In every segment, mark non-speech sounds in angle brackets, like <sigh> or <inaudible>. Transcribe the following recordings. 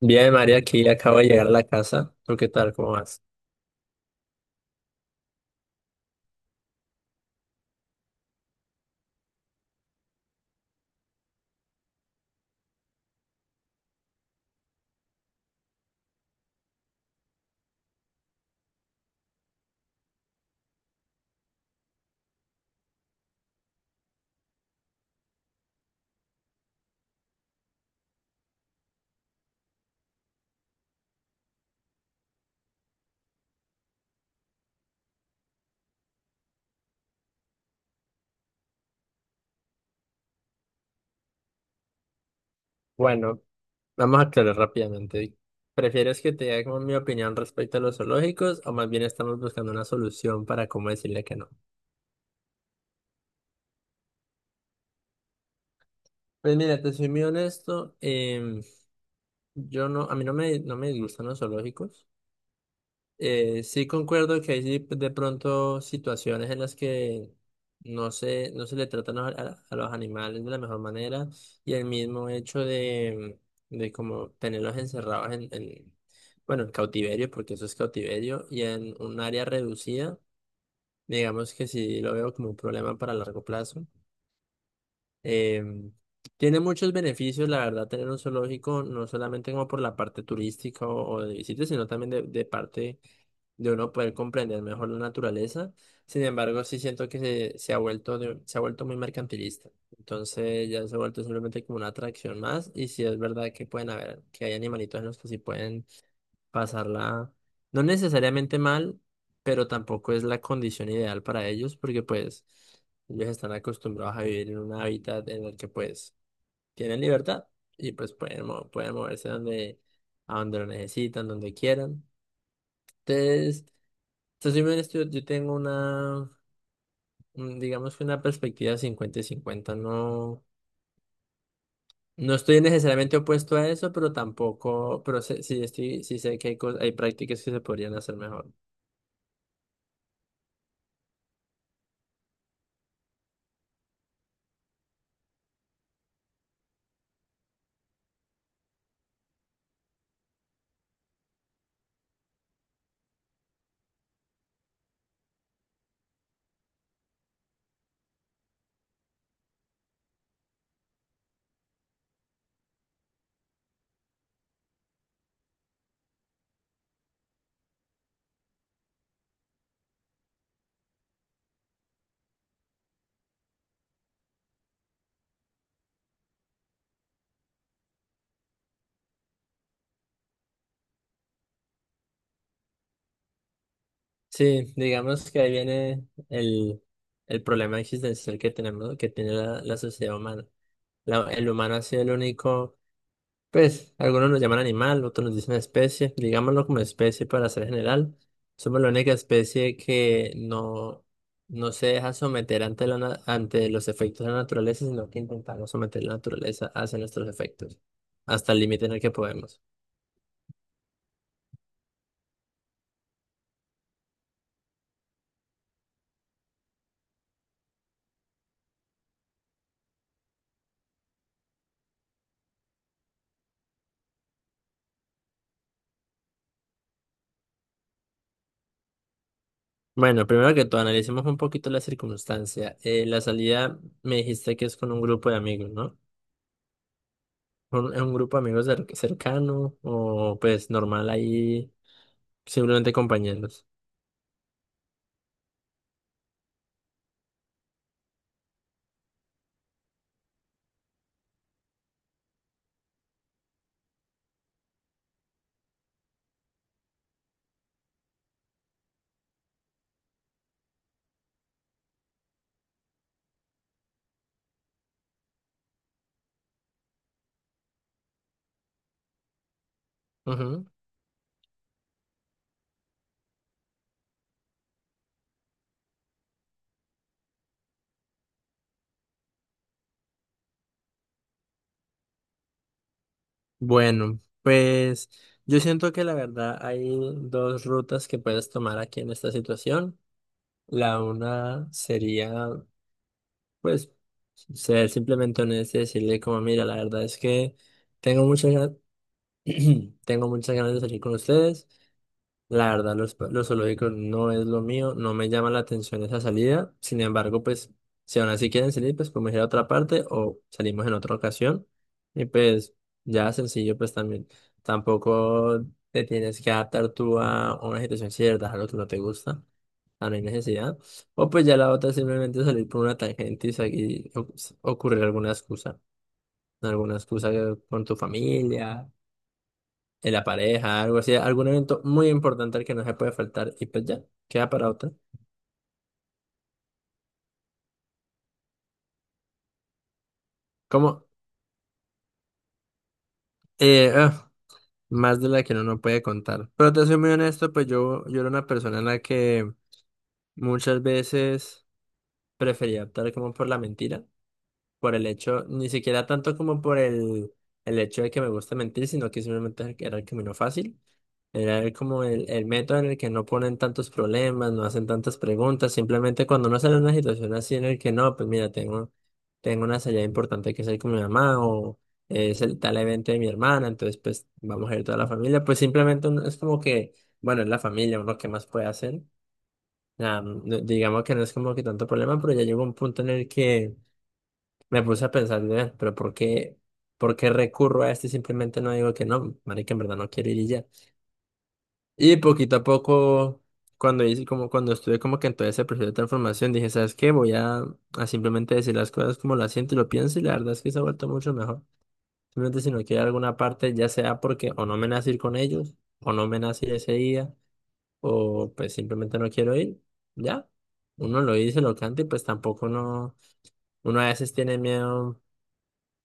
Bien, María, aquí acabo de llegar a la casa. ¿Tú qué tal? ¿Cómo vas? Bueno, vamos a aclarar rápidamente. ¿Prefieres que te diga como mi opinión respecto a los zoológicos o más bien estamos buscando una solución para cómo decirle que no? Pues mira, te soy muy honesto. Yo no, a mí no me, no me disgustan los zoológicos. Sí concuerdo que hay sí, de pronto situaciones en las que no se le tratan a, a los animales de la mejor manera y el mismo hecho de como tenerlos encerrados bueno, en cautiverio, porque eso es cautiverio, y en un área reducida, digamos que sí lo veo como un problema para largo plazo. Em, Tiene muchos beneficios, la verdad, tener un zoológico, no solamente como por la parte turística o de visitas, sino también de parte de uno poder comprender mejor la naturaleza. Sin embargo, sí siento que se ha vuelto se ha vuelto muy mercantilista. Entonces ya se ha vuelto simplemente como una atracción más. Y sí es verdad que pueden haber, que hay animalitos en los que sí pueden pasarla, no necesariamente mal, pero tampoco es la condición ideal para ellos, porque pues ellos están acostumbrados a vivir en un hábitat en el que pues tienen libertad y pues pueden, pueden moverse donde, a donde lo necesitan, donde quieran. Entonces, entonces, yo, yo tengo una, digamos que una perspectiva 50 y 50. No, no estoy necesariamente opuesto a eso, pero tampoco, sí, estoy, sí sé que hay hay prácticas que se podrían hacer mejor. Sí, digamos que ahí viene el, el problema existencial que tenemos, que tiene la sociedad humana. El humano ha sido el único. Pues, algunos nos llaman animal, otros nos dicen especie. Digámoslo como especie para ser general. Somos la única especie que no, no se deja someter ante, ante los efectos de la naturaleza, sino que intentamos someter la naturaleza hacia nuestros efectos, hasta el límite en el que podemos. Bueno, primero que todo, analicemos un poquito la circunstancia. La salida me dijiste que es con un grupo de amigos, ¿no? Un grupo de amigos cercano o pues normal ahí, simplemente compañeros. Bueno, pues yo siento que la verdad hay dos rutas que puedes tomar aquí en esta situación. La una sería, pues, ser simplemente honesto y decirle como, mira, la verdad es que tengo muchas ganas, <clears throat> tengo muchas ganas de salir con ustedes. La verdad, los zoológicos no es lo mío, no me llama la atención esa salida. Sin embargo, pues, si aún así quieren salir, pues podemos ir a otra parte o salimos en otra ocasión. Y pues, ya sencillo, pues también tampoco te tienes que adaptar tú a una situación cierta, algo que no te gusta, a no hay necesidad. O pues ya la otra es simplemente salir por una tangente y ocurrir alguna excusa, con tu familia en la pareja, algo así, algún evento muy importante al que no se puede faltar y pues ya, queda para otra. Como, eh, ah, más de la que uno no puede contar. Pero te soy muy honesto, pues yo era una persona en la que muchas veces prefería optar como por la mentira, por el hecho, ni siquiera tanto como por el hecho de que me gusta mentir, sino que simplemente era el camino fácil. Era como el método en el que no ponen tantos problemas, no hacen tantas preguntas, simplemente cuando uno sale en una situación así en el que no, pues mira, tengo, tengo una salida importante que salir con mi mamá o es el tal evento de mi hermana, entonces pues vamos a ir toda la familia, pues simplemente es como que, bueno, es la familia, uno qué más puede hacer. Nada, digamos que no es como que tanto problema, pero ya llegó un punto en el que me puse a pensar, "Ve, pero por qué recurro a esto y simplemente no digo que no, marica, en verdad no quiero ir y ya? Y poquito a poco, cuando hice, como cuando estuve como que en todo ese proceso de transformación, dije, ¿sabes qué? Voy a simplemente decir las cosas como las siento y lo pienso, y la verdad es que se ha vuelto mucho mejor. Simplemente si no quiero alguna parte, ya sea porque o no me nace ir con ellos, o no me nace ir ese día, o pues simplemente no quiero ir, ya. Uno lo dice, lo canta, y pues tampoco no uno a veces tiene miedo.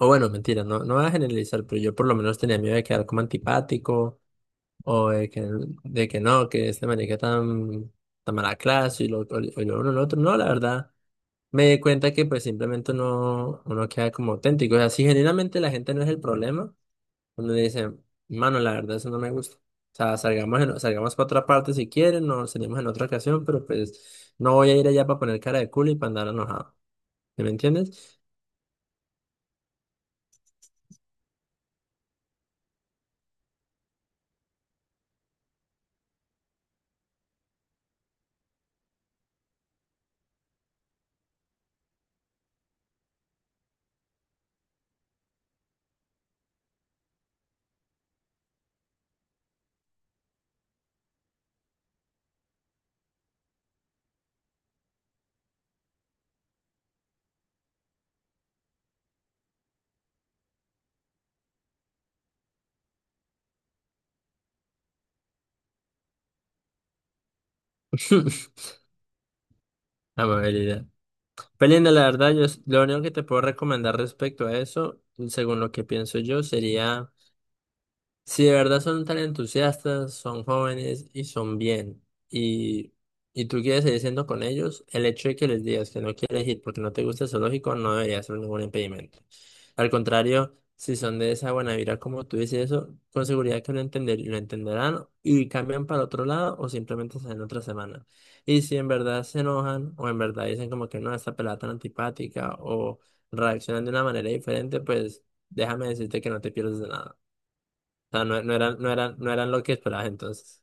O bueno, mentira, no, no voy a generalizar, pero yo por lo menos tenía miedo de quedar como antipático o de que no, que este marica tan, tan mala clase y lo uno y lo otro. No, la verdad, me di cuenta que pues simplemente uno queda como auténtico. O sea, si genuinamente la gente no es el problema, uno le dice, mano, la verdad, eso no me gusta. O sea, salgamos para otra parte si quieren, nos salimos en otra ocasión, pero pues no voy a ir allá para poner cara de culo y para andar enojado. ¿Sí? ¿Me entiendes? <laughs> Amabilidad. Pelinda, la verdad, lo único que te puedo recomendar respecto a eso, según lo que pienso yo, sería. Si de verdad son tan entusiastas, son jóvenes y son bien, y, y tú quieres seguir siendo con ellos, el hecho de que les digas que no quieres ir porque no te gusta el zoológico no debería ser ningún impedimento. Al contrario, si son de esa buena vibra como tú dices eso, con seguridad que lo entenderán y cambian para otro lado o simplemente salen otra semana. Y si en verdad se enojan o en verdad dicen como que no, esta pelada tan antipática o reaccionan de una manera diferente, pues déjame decirte que no te pierdes de nada. O sea, no eran lo que esperabas entonces.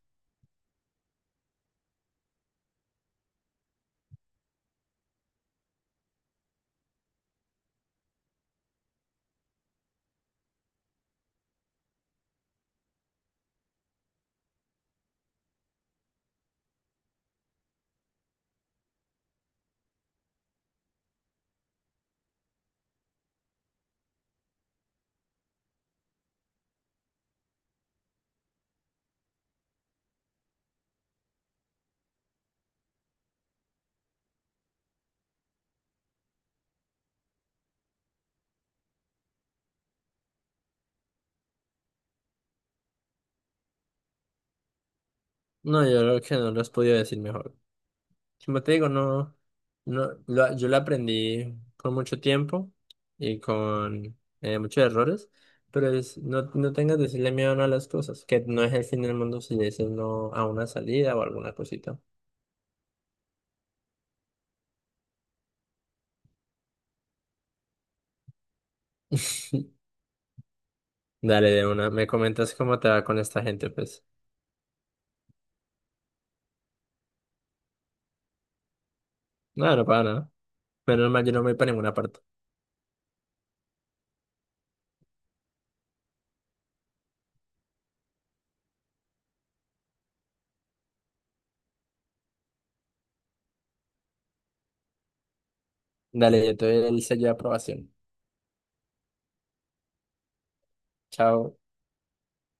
No, yo creo que no los podía decir mejor. Como te digo, no, yo lo aprendí con mucho tiempo y con muchos errores, pero es, no, no tengas que decirle miedo no a las cosas, que no es el fin del mundo si le dices no a una salida o alguna cosita. <laughs> Dale, de una, me comentas cómo te va con esta gente, pues. No, no para nada. Menos mal, yo no me voy para ninguna parte. Dale, yo te doy el sello de aprobación. Chao.